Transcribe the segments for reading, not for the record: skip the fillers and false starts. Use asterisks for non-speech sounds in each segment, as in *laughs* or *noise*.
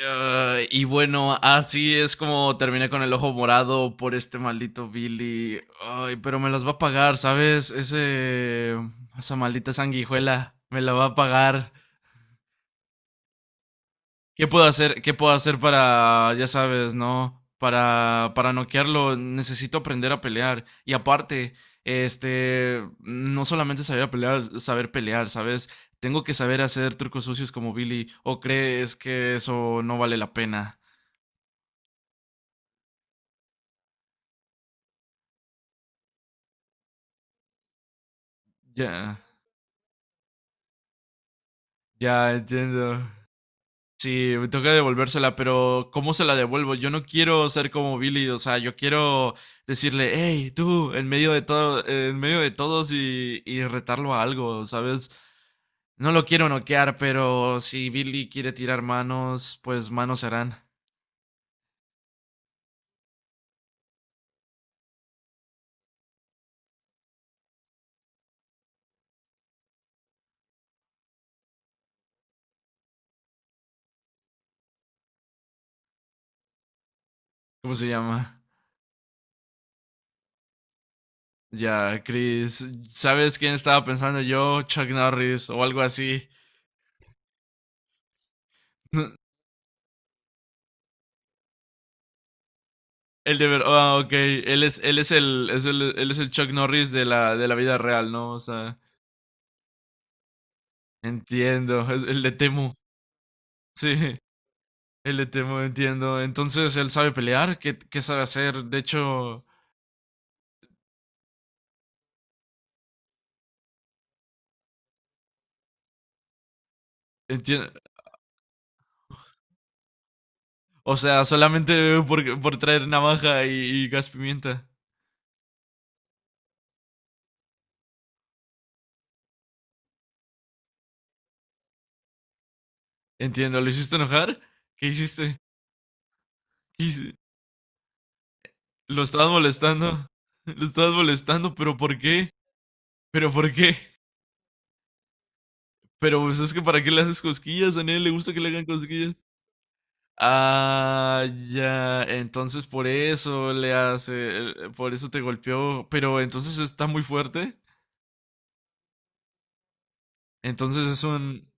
Y bueno, así es como terminé con el ojo morado por este maldito Billy. Ay, pero me las va a pagar, ¿sabes? Esa maldita sanguijuela me la va a pagar. ¿Qué puedo hacer? ¿Qué puedo hacer para, ya sabes, no? Para noquearlo, necesito aprender a pelear. Y aparte, no solamente saber a pelear, saber pelear, ¿sabes? Tengo que saber hacer trucos sucios como Billy. ¿O crees que eso no vale la pena? Ya. Yeah. Ya, entiendo. Sí, me toca devolvérsela, pero ¿cómo se la devuelvo? Yo no quiero ser como Billy, o sea, yo quiero decirle, hey, tú, en medio de todo, en medio de todos y retarlo a algo, ¿sabes? No lo quiero noquear, pero si Billy quiere tirar manos, pues manos serán. ¿Cómo se llama? Ya, Chris, ¿sabes quién estaba pensando yo? Chuck Norris o algo así. *laughs* Ah, ok. Él es el Chuck Norris de de la vida real, ¿no? O sea, entiendo. Es el de Temu. *laughs* Sí, el de Temu, entiendo. Entonces, él sabe pelear, ¿qué sabe hacer? De hecho, entiendo. O sea, solamente por traer navaja y gas pimienta. Entiendo. ¿Lo hiciste enojar? ¿Qué hiciste? ¿Qué hici- Lo estabas molestando. *laughs* Lo estabas molestando, pero ¿por qué? ¿Pero por qué? Pero pues es que ¿para qué le haces cosquillas? A nadie le gusta que le hagan cosquillas. Ah, ya, entonces por eso le hace, por eso te golpeó, pero entonces está muy fuerte. Entonces es un,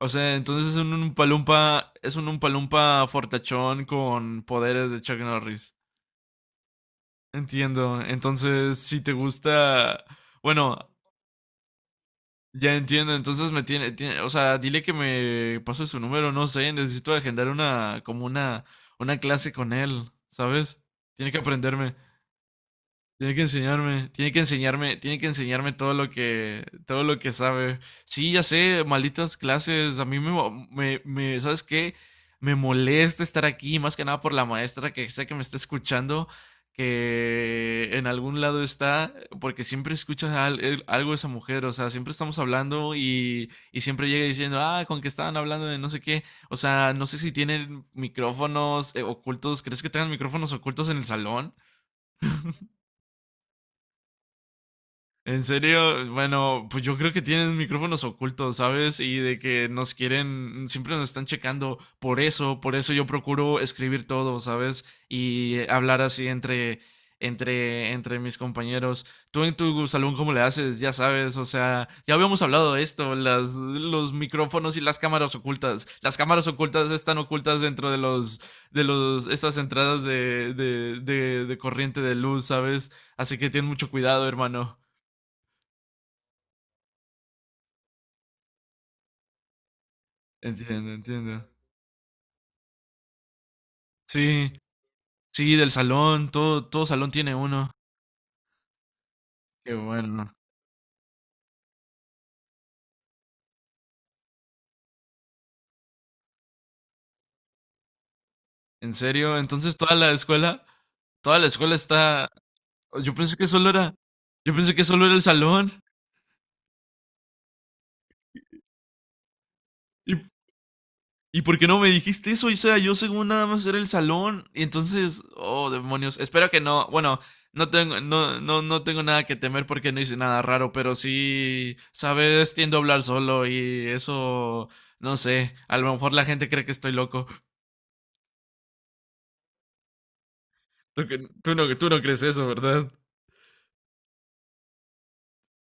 o sea, entonces es un umpalumpa fortachón con poderes de Chuck Norris. Entiendo. Entonces, si te gusta, bueno, ya entiendo. O sea, dile que me pase su número, no sé, necesito agendar una clase con él, ¿sabes? Tiene que aprenderme. Tiene que enseñarme, tiene que enseñarme, tiene que enseñarme todo lo que sabe. Sí, ya sé, malditas clases. A mí me, mo- me- ¿Sabes qué? Me molesta estar aquí, más que nada por la maestra que sé que me está escuchando, que en algún lado está, porque siempre escucha algo de esa mujer. O sea, siempre estamos hablando y siempre llega diciendo, ah, con que estaban hablando de no sé qué. O sea, no sé si tienen micrófonos ocultos. ¿Crees que tengan micrófonos ocultos en el salón? En serio, bueno, pues yo creo que tienen micrófonos ocultos, ¿sabes? Y de que nos quieren, siempre nos están checando. Por eso yo procuro escribir todo, ¿sabes? Y hablar así entre mis compañeros. Tú en tu salón, ¿cómo le haces? Ya sabes, o sea, ya habíamos hablado de esto, los micrófonos y las cámaras ocultas. Las cámaras ocultas están ocultas dentro de esas entradas de corriente de luz, ¿sabes? Así que ten mucho cuidado, hermano. Entiendo, entiendo. Sí, sí, del salón, todo, todo salón tiene uno. Qué bueno. En serio, entonces toda la escuela, Toda la escuela está. Yo pensé que solo era, yo pensé que solo era el salón. ¿Y, y por qué no me dijiste eso? O sea, yo según nada más era el salón. Y entonces, oh, demonios. Espero que no. Bueno, no tengo nada que temer porque no hice nada raro, pero sí, sabes, tiendo a hablar solo y eso, no sé. A lo mejor la gente cree que estoy loco. Tú no crees eso, ¿verdad?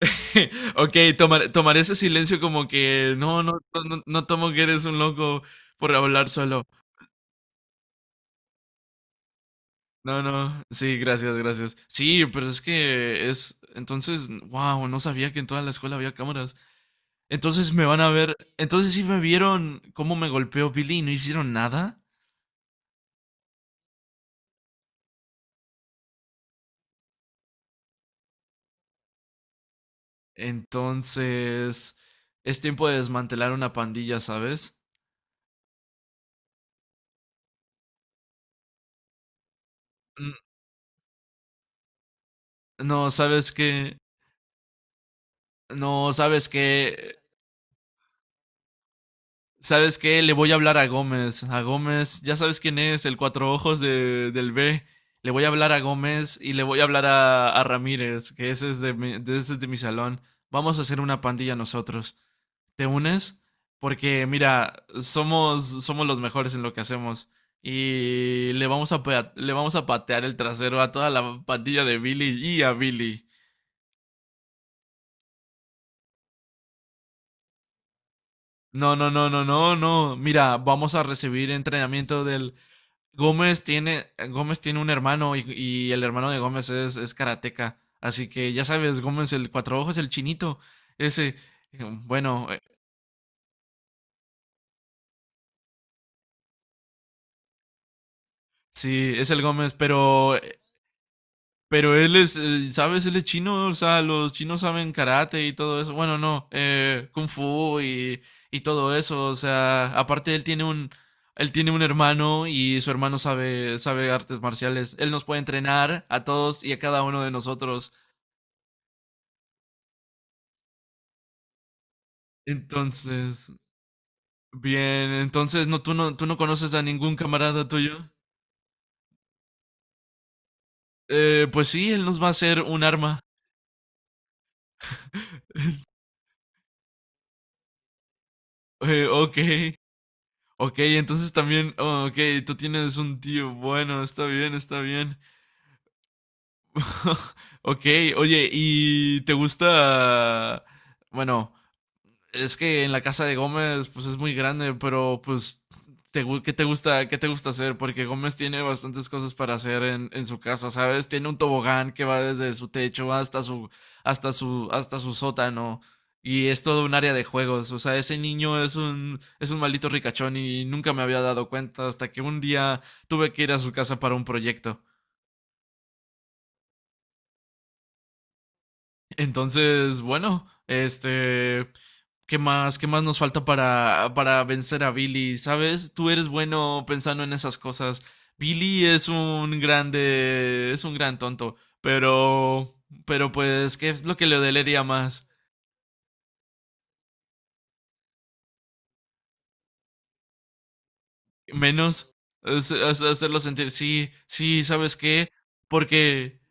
*laughs* Ok, tomaré ese silencio como que no, no tomo que eres un loco por hablar solo. No, no, sí, gracias, gracias. Sí, pero es que es, entonces, wow, no sabía que en toda la escuela había cámaras. Entonces me van a ver, entonces sí me vieron cómo me golpeó Billy y no hicieron nada. Entonces, es tiempo de desmantelar una pandilla, ¿sabes? N- No, ¿sabes que No, ¿sabes que ¿Sabes qué? Le voy a hablar a Gómez. A Gómez, ya sabes quién es, el cuatro ojos del B. Le voy a hablar a Gómez y le voy a hablar a Ramírez, que ese es, ese es de mi salón. Vamos a hacer una pandilla nosotros. ¿Te unes? Porque, mira, somos, somos los mejores en lo que hacemos. Y le vamos a, le vamos a patear el trasero a toda la pandilla de Billy y a Billy. No, no, no, no, no, no. Mira, vamos a recibir entrenamiento del, Gómez tiene un hermano y el hermano de Gómez es karateca. Así que ya sabes, Gómez, el cuatro ojos, el chinito. Ese, bueno, sí, es el Gómez, pero él es, ¿sabes? Él es chino, o sea, los chinos saben karate y todo eso. Bueno, no, kung fu y todo eso. O sea, aparte él tiene un hermano y su hermano sabe, sabe artes marciales. Él nos puede entrenar a todos y a cada uno de nosotros. Entonces, bien, entonces no, tú no, tú no conoces a ningún camarada tuyo. Pues sí, él nos va a hacer un arma. *laughs* Ok, ok, tú tienes un tío. Bueno, está bien, está bien. *laughs* Ok, oye, ¿y te gusta? Bueno, es que en la casa de Gómez, pues es muy grande, pero pues, ¿qué te gusta hacer? Porque Gómez tiene bastantes cosas para hacer en su casa, ¿sabes? Tiene un tobogán que va desde su techo hasta hasta su sótano. Y es todo un área de juegos. O sea, ese niño es un maldito ricachón y nunca me había dado cuenta hasta que un día tuve que ir a su casa para un proyecto. Entonces, bueno, este, qué más nos falta para vencer a Billy? ¿Sabes? Tú eres bueno pensando en esas cosas. Billy es un grande, es un gran tonto, pero, pero pues, ¿qué es lo que le dolería más? Menos es hacerlo sentir, sí, sí, ¿sabes qué? Porque,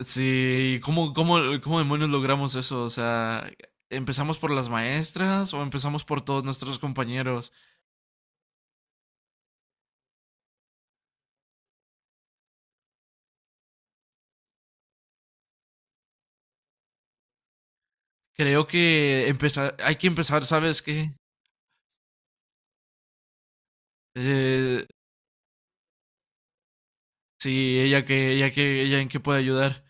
sí, ¿cómo, cómo, cómo demonios logramos eso? O sea, ¿empezamos por las maestras o empezamos por todos nuestros compañeros? Hay que empezar, ¿sabes qué? Eh, sí, ella en qué puede ayudar.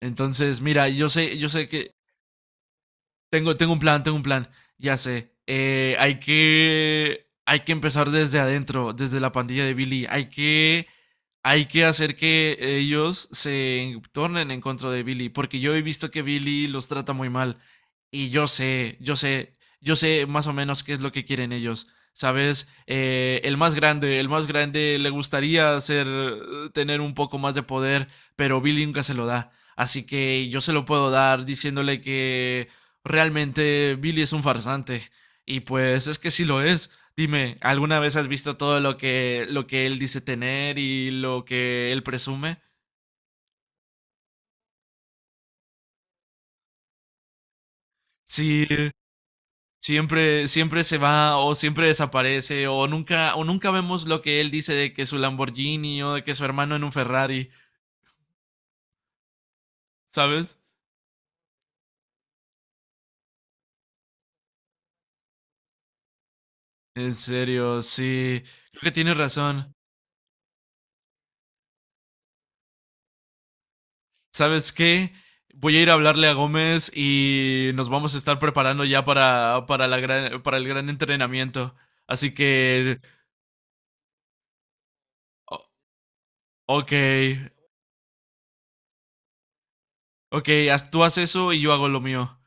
Entonces, mira, yo sé que Tengo, tengo un plan, tengo un plan. Ya sé. Hay que. Hay que empezar desde adentro, desde la pandilla de Billy. Hay que. Hay que hacer que ellos se tornen en contra de Billy. Porque yo he visto que Billy los trata muy mal. Y yo sé, yo sé, yo sé más o menos qué es lo que quieren ellos. ¿Sabes? El más grande, tener un poco más de poder, pero Billy nunca se lo da. Así que yo se lo puedo dar diciéndole que realmente Billy es un farsante. Y pues es que sí lo es. Dime, ¿alguna vez has visto todo lo que él dice tener y lo que él presume? Sí, siempre, siempre se va o siempre desaparece o nunca vemos lo que él dice de que su Lamborghini o de que su hermano en un Ferrari, ¿sabes? En serio, sí, creo que tienes razón. ¿Sabes qué? Voy a ir a hablarle a Gómez y nos vamos a estar preparando ya para, la gran, para el gran entrenamiento. Así que, o- ok, ok, tú haz eso y yo hago lo mío.